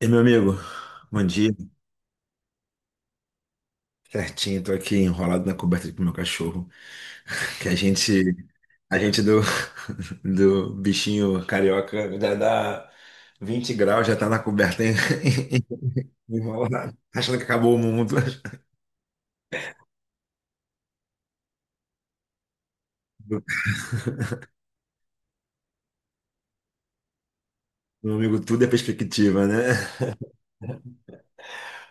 E meu amigo, bom dia. Certinho, tô aqui enrolado na coberta com meu cachorro, que a gente, a gente do, do bichinho carioca já dá 20 graus, já tá na coberta enrolado, achando que acabou o mundo. Meu amigo, tudo é perspectiva, né?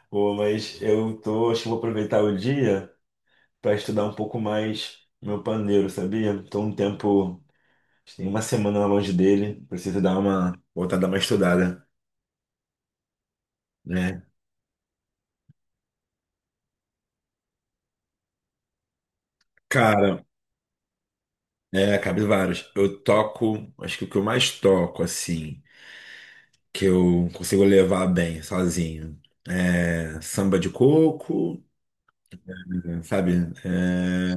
Pô, mas eu tô, acho que vou aproveitar o dia para estudar um pouco mais meu pandeiro, sabia? Tô um tempo, acho que tem uma semana longe dele, preciso dar uma, voltar a dar uma estudada, né? Cara, é, cabe vários. Eu toco, acho que o que eu mais toco, assim, que eu consigo levar bem sozinho, é samba de coco, sabe? É,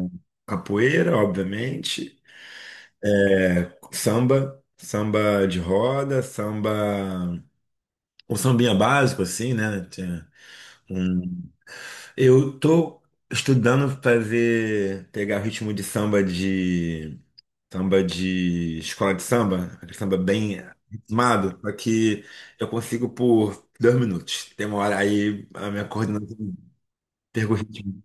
capoeira, obviamente, samba, samba de roda, samba, um sambinha básico, assim, né? Tem um- Eu tô estudando fazer, pegar o ritmo de samba. Samba de escola de samba, aquele samba bem ritmado, só que eu consigo por dois minutos. Tem uma hora aí a minha coordenação pega o ritmo.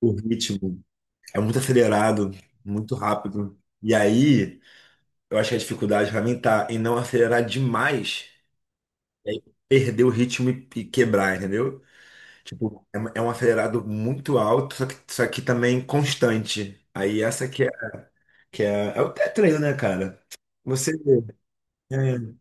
O ritmo é muito acelerado, muito rápido. E aí eu acho que a dificuldade pra mim tá em não acelerar demais e aí perder o ritmo e quebrar, entendeu? Tipo, é um acelerado muito alto, só que também constante. Aí essa que é, é o treino, né, cara? Você. É,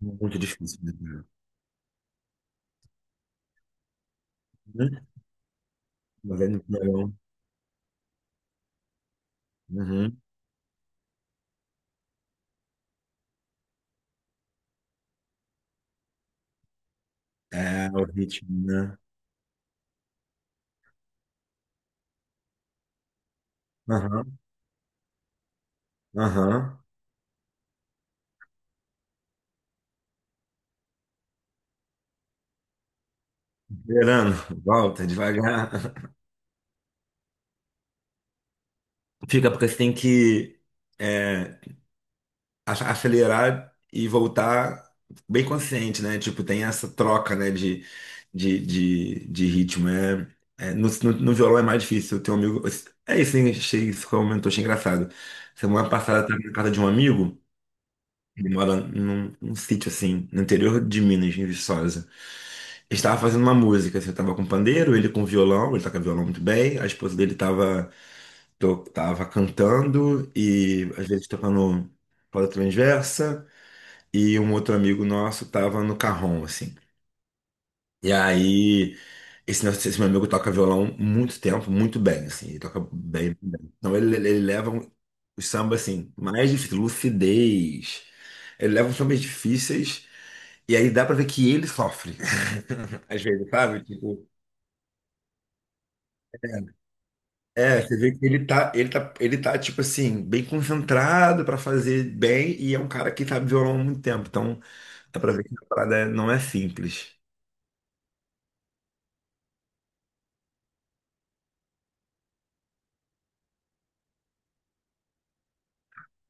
muito difícil, né? Né? Novela de verão. Uhum. É, o ritmo, né? Aham, aham. Verano, volta devagar. Fica porque você tem que é, acelerar e voltar bem consciente, né? Tipo, tem essa troca, né, de ritmo. É, é, no violão é mais difícil. Eu tenho um amigo. É isso, hein? Achei isso que eu achei engraçado. Semana passada eu estava na casa de um amigo. Ele mora num, num sítio assim, no interior de Minas, em Viçosa. Ele estava fazendo uma música, assim, eu tava com pandeiro, ele com violão, ele toca violão muito bem, a esposa dele tava, tava cantando e às vezes tocando corda transversa, e um outro amigo nosso tava no carrom, assim. E aí esse meu amigo toca violão muito tempo, muito bem, assim, ele toca bem, bem. Então ele leva os sambas, assim, mais difíceis, lucidez, ele leva os sambas difíceis, e aí dá pra ver que ele sofre, às vezes, sabe? Tipo, é, você vê que ele tá, ele tá, tipo assim, bem concentrado pra fazer bem, e é um cara que sabe violão há muito tempo, então dá pra ver que a parada não é simples.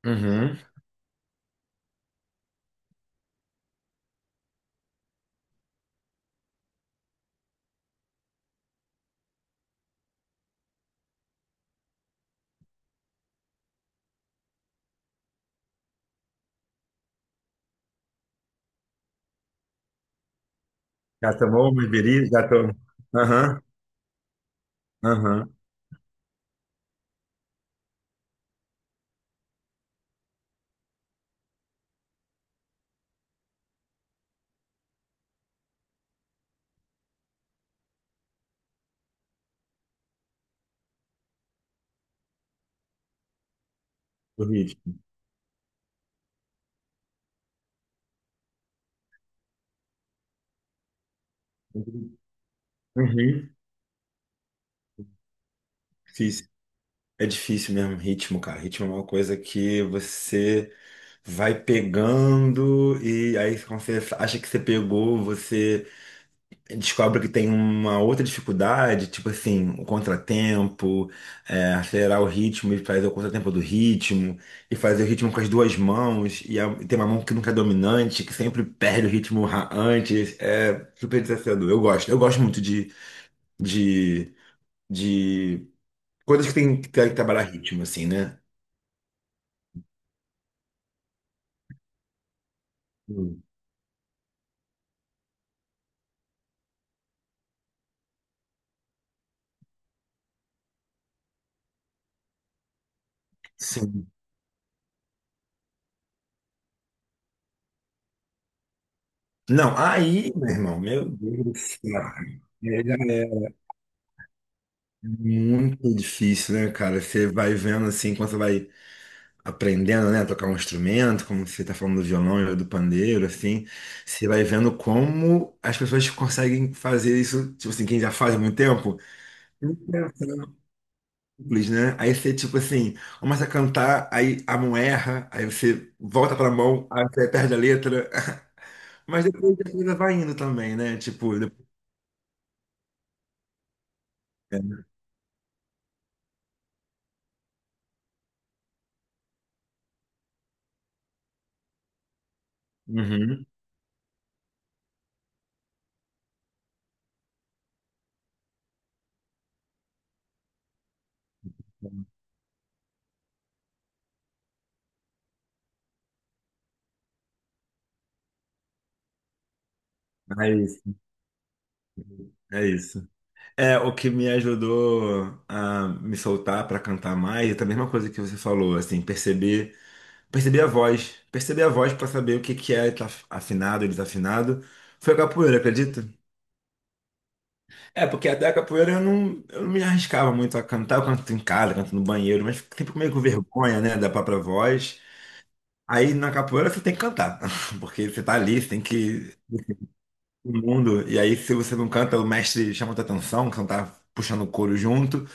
Uhum. Já tomou uma bebida? Já tomou. Aham, aham, o. Uhum. Difícil. É difícil mesmo, ritmo, cara. Ritmo é uma coisa que você vai pegando e aí quando você acha que você pegou, você descobre que tem uma outra dificuldade, tipo assim, o contratempo, é, acelerar o ritmo e fazer o contratempo do ritmo, e fazer o ritmo com as duas mãos, e e tem uma mão que nunca é dominante, que sempre perde o ritmo antes. É super desafiador. Eu gosto muito de, de coisas que tem que trabalhar ritmo, assim, né? Hum. Sim. Não, aí, meu irmão, meu Deus do céu. É, já é muito difícil, né, cara? Você vai vendo assim, quando você vai aprendendo, né, a tocar um instrumento, como você tá falando do violão e do pandeiro, assim, você vai vendo como as pessoas conseguem fazer isso, tipo assim, quem já faz há muito tempo, muito simples, né? Aí você, tipo assim, começa a cantar, aí a mão erra, aí você volta pra mão, aí você perde a letra. Mas depois a coisa vai indo também, né? Tipo, depois... É. Uhum. É isso, é isso. É, o que me ajudou a me soltar para cantar mais, é a mesma coisa que você falou, assim, perceber, perceber a voz para saber o que que é tá afinado e desafinado, foi a capoeira, acredita? É, porque até a capoeira eu não me arriscava muito a cantar, eu canto em casa, canto no banheiro, mas fico sempre meio com vergonha, né, da própria voz. Aí na capoeira você tem que cantar, porque você tá ali, você tem que o mundo. E aí, se você não canta, o mestre chama tua atenção, que você não tá puxando o coro junto.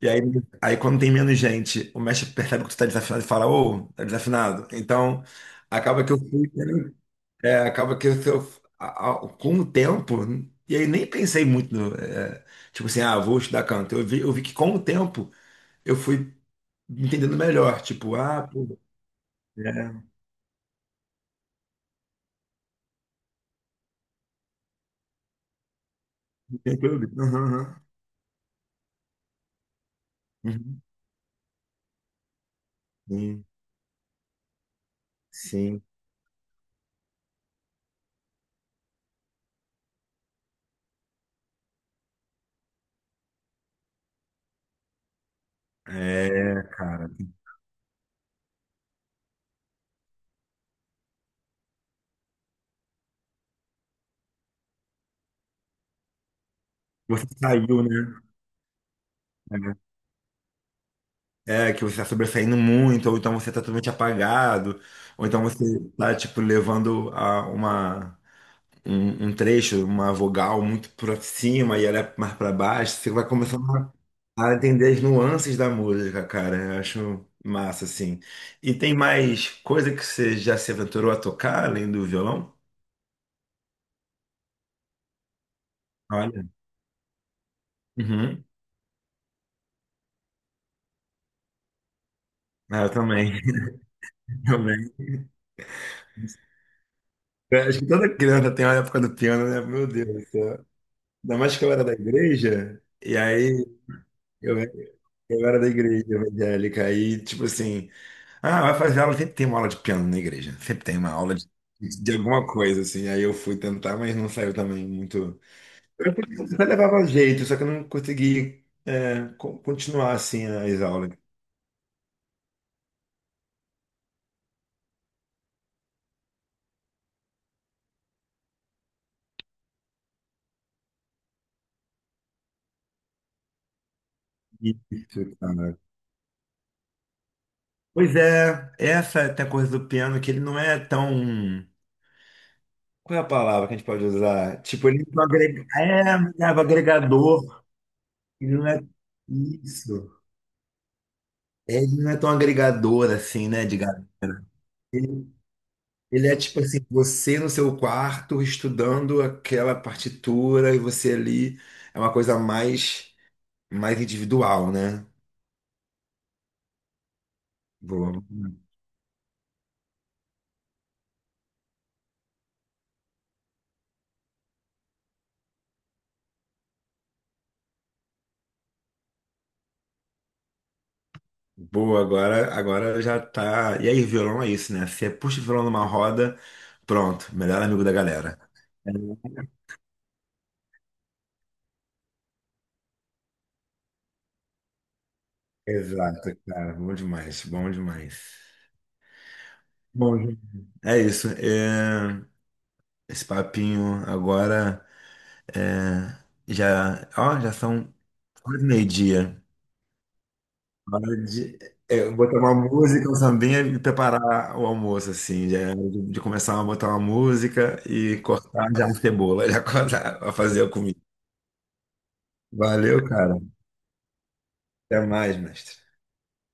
E aí, aí quando tem menos gente, o mestre percebe que tu tá desafinado e fala, ô, tá desafinado. Então, acaba que é, acaba que com o tempo, e aí nem pensei muito no, é, tipo assim, ah, vou estudar canto. Eu vi que com o tempo eu fui entendendo melhor, tipo, ah, pô, é, tem clube. Aham, aham. Uhum. Sim, sim. É, cara. Você saiu, né? É, é, que você está sobressaindo muito, ou então você está totalmente apagado, ou então você tá, tipo, levando a uma, um trecho, uma vogal muito pra cima e ela é mais pra baixo, você vai começando a entender as nuances da música, cara. Eu acho massa, assim. E tem mais coisa que você já se aventurou a tocar, além do violão? Olha. Uhum. Ah, eu também, também. Eu acho que toda criança tem a época do piano, né? Meu Deus do céu. Ainda mais que eu era da igreja, e aí... eu Eu era da igreja evangélica aí, tipo assim, ah, vai fazer aula, sempre tem uma aula de piano na igreja, sempre tem uma aula de alguma coisa, assim. Aí eu fui tentar, mas não saiu também muito. Eu até levava jeito, só que eu não consegui, é, continuar, assim, as aulas. Isso, cara. Pois é, essa tem a coisa do piano que ele não é tão. Qual é a palavra que a gente pode usar? Tipo, ele não agrega... é, é o agregador, ele não é isso. Ele não é tão agregador assim, né, de galera. Ele, ele é tipo assim, você no seu quarto estudando aquela partitura e você ali é uma coisa mais mais individual, né? Boa. Boa, agora já tá. E aí, violão é isso, né? Você puxa o violão numa roda, pronto, melhor amigo da galera. É. Exato, cara, bom demais, bom demais. Bom, é isso. É, esse papinho agora. É, já, ó, já são quase meio-dia. Hora de é, eu botar uma música, um sambinha e preparar o almoço, assim, já, de começar a botar uma música e cortar já a cebola, já cortar, a fazer a comida. Valeu, cara. Até mais, mestre.